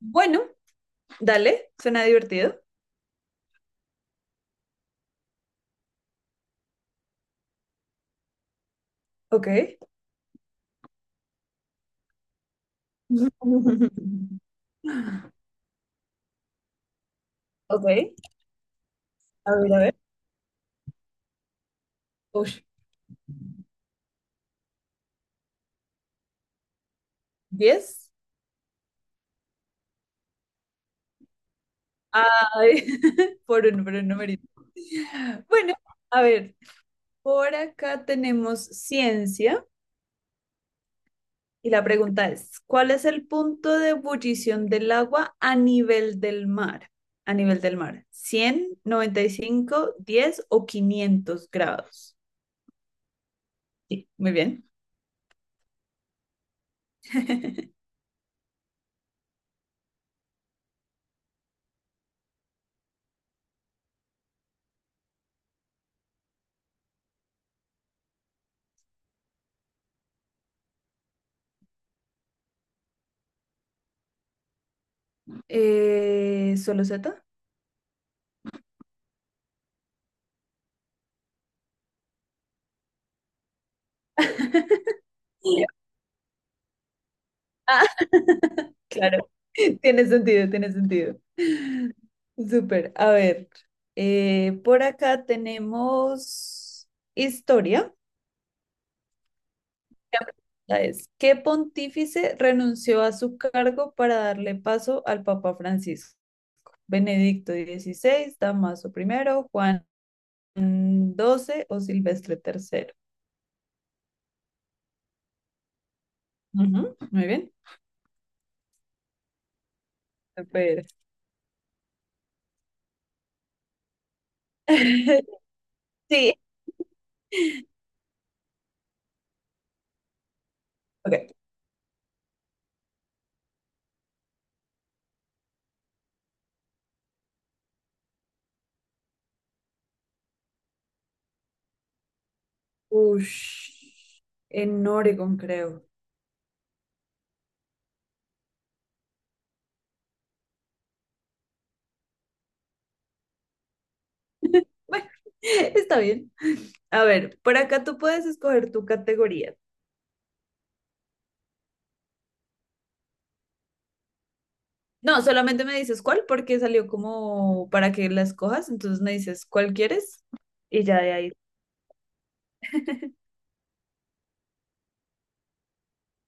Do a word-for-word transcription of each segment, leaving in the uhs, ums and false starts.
Bueno, dale, suena divertido. Ok. Ok, a ver, a ver. Ush, diez. Ay, por un, por un numerito. Bueno, a ver, por acá tenemos ciencia y la pregunta es, ¿cuál es el punto de ebullición del agua a nivel del mar? A nivel del mar, ¿cien, noventa y cinco, diez o quinientos grados? Sí, muy bien. Eh, ¿solo Z? Sí. Claro, tiene sentido, tiene sentido. Súper. A ver, eh, por acá tenemos historia. Esta Es, ¿qué pontífice renunció a su cargo para darle paso al Papa Francisco? ¿Benedicto dieciséis, Damaso primero, Juan doce o Silvestre tercero? Ujú. Muy bien. Súper. Sí. Ok. Ush, en Oregon, creo. Bueno, está bien. A ver, por acá tú puedes escoger tu categoría. No, solamente me dices cuál porque salió como para que la escojas, entonces me dices cuál quieres y ya de ahí.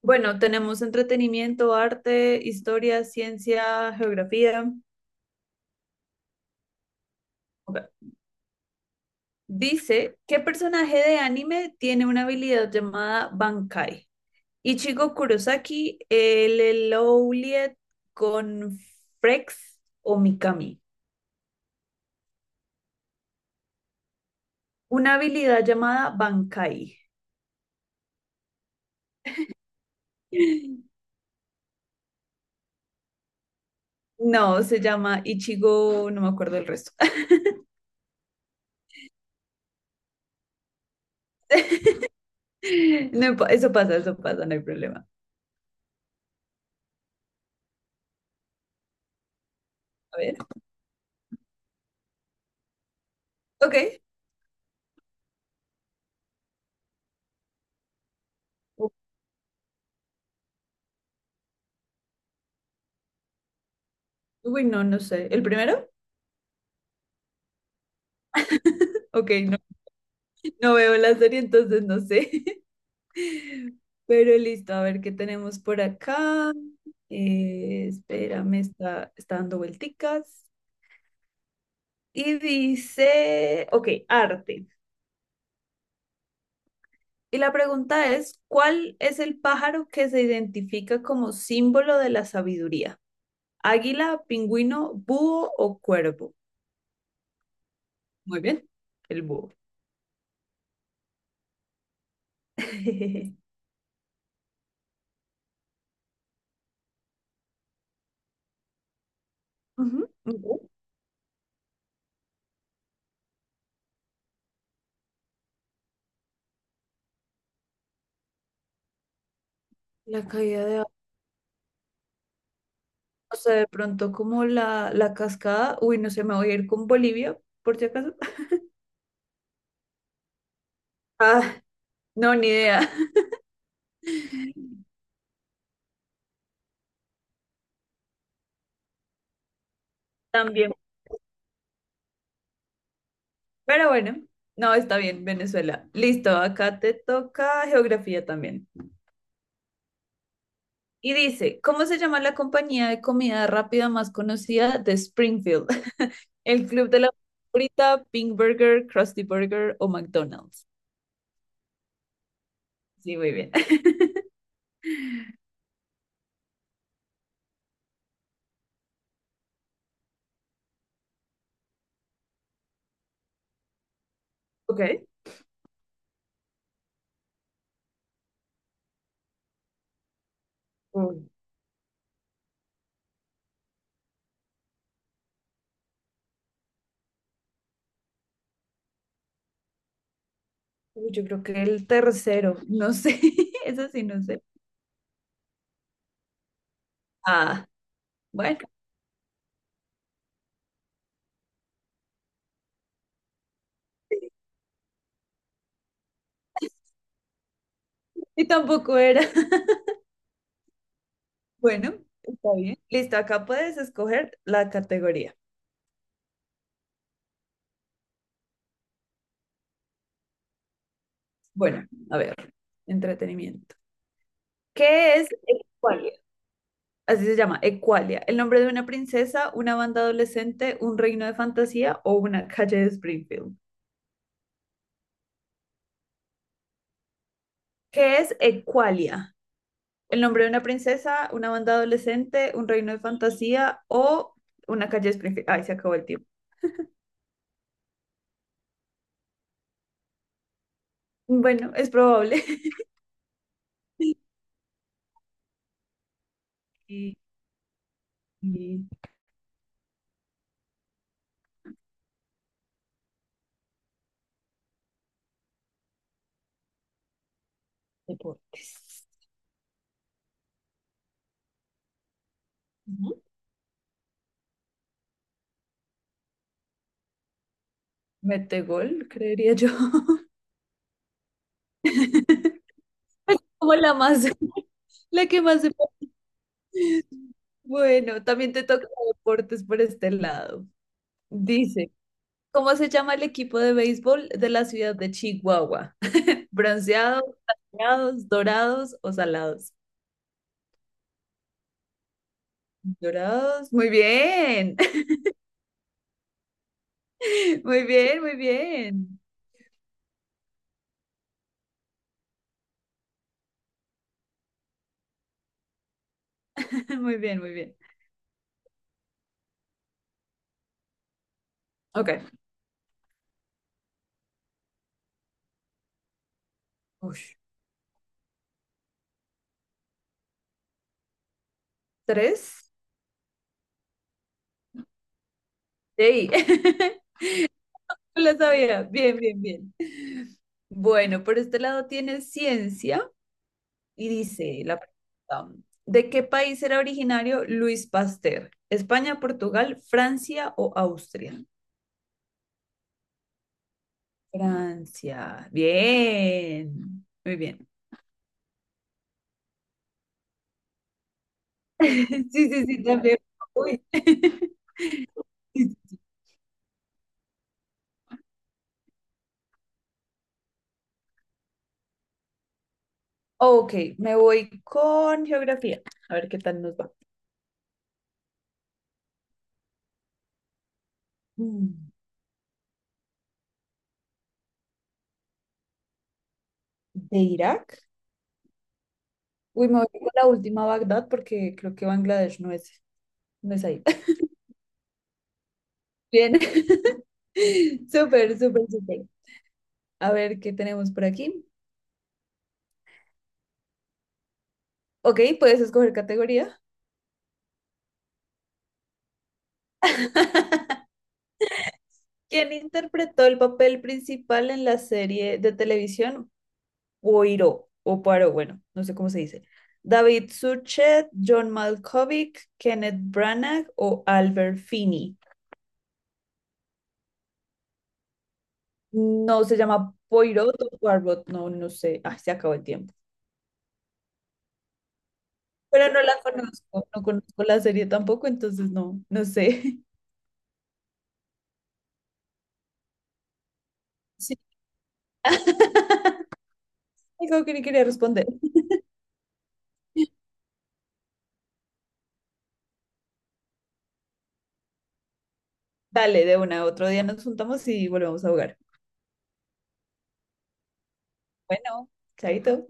Bueno, tenemos entretenimiento, arte, historia, ciencia, geografía. Ok. Dice, ¿qué personaje de anime tiene una habilidad llamada Bankai? Ichigo Kurosaki, el Elowliet con Frex o Mikami. Una habilidad llamada Bankai. No, se llama Ichigo, no me acuerdo el resto. No impo- eso pasa, eso pasa, no hay problema. A ver, ok. U- uy, no, no sé. ¿El primero? Ok, no, no veo la serie, entonces no sé. Pero listo, a ver qué tenemos por acá. Eh, espérame, está, está dando vuelticas. Y dice, ok, arte. Y la pregunta es, ¿cuál es el pájaro que se identifica como símbolo de la sabiduría? ¿Águila, pingüino, búho o cuervo? Muy bien. El búho. Ujú, ujú. La caída de agua, o sea, de pronto como la, la cascada. Uy, no sé, me voy a ir con Bolivia, por si acaso. Ah, no, ni idea. También. Pero bueno, no, está bien, Venezuela. Listo, acá te toca geografía también. Y dice, ¿cómo se llama la compañía de comida rápida más conocida de Springfield? ¿El Club de la Frita, Pink Burger, Krusty Burger o McDonald's? Sí, muy bien. Ok. Uy, yo creo que el tercero, no sé, eso sí, no sé. Ah, bueno, y tampoco era. Bueno, está bien. Listo, acá puedes escoger la categoría. Bueno, a ver, entretenimiento. ¿Qué es el cual? Así se llama, Equalia, ¿el nombre de una princesa, una banda adolescente, un reino de fantasía o una calle de Springfield? ¿Qué es Equalia? El nombre de una princesa, una banda adolescente, un reino de fantasía o una calle de Springfield. Ay, se acabó el tiempo. Bueno, es probable. Y, y deportes. Ujú. Mete gol, creería yo. Como la más, la que más se... Bueno, también te toca deportes por este lado. Dice, ¿cómo se llama el equipo de béisbol de la ciudad de Chihuahua? ¿Bronceados, plateados, dorados o salados? Dorados, muy bien, muy bien, muy bien, muy bien, muy bien. Ok, ush. ¿Tres? Sí, no lo sabía, bien, bien, bien. Bueno, por este lado tiene ciencia y dice la pregunta, ¿de qué país era originario Luis Pasteur? ¿España, Portugal, Francia o Austria? Francia. Bien. Muy bien. Sí, sí, sí, también. Uy. Sí, sí. Ok, me voy con geografía. A ver qué tal nos va. Mm, ¿de Irak? Uy, me voy con la última, Bagdad, porque creo que Bangladesh no es, no es ahí. Bien. Súper, súper, súper. A ver qué tenemos por aquí. Ok, puedes escoger categoría. ¿Quién interpretó el papel principal en la serie de televisión Poirot, o Poirot, bueno, no sé cómo se dice? David Suchet, John Malkovich, Kenneth Branagh o Albert Finney. No se llama Poirot o Poirot, no, no sé. Ah, se acabó el tiempo. Pero no la conozco, no conozco la serie tampoco, entonces no, no sé. Sí. Digo que ni quería responder. Dale, de una, otro día nos juntamos y volvemos a jugar. Bueno, chaito.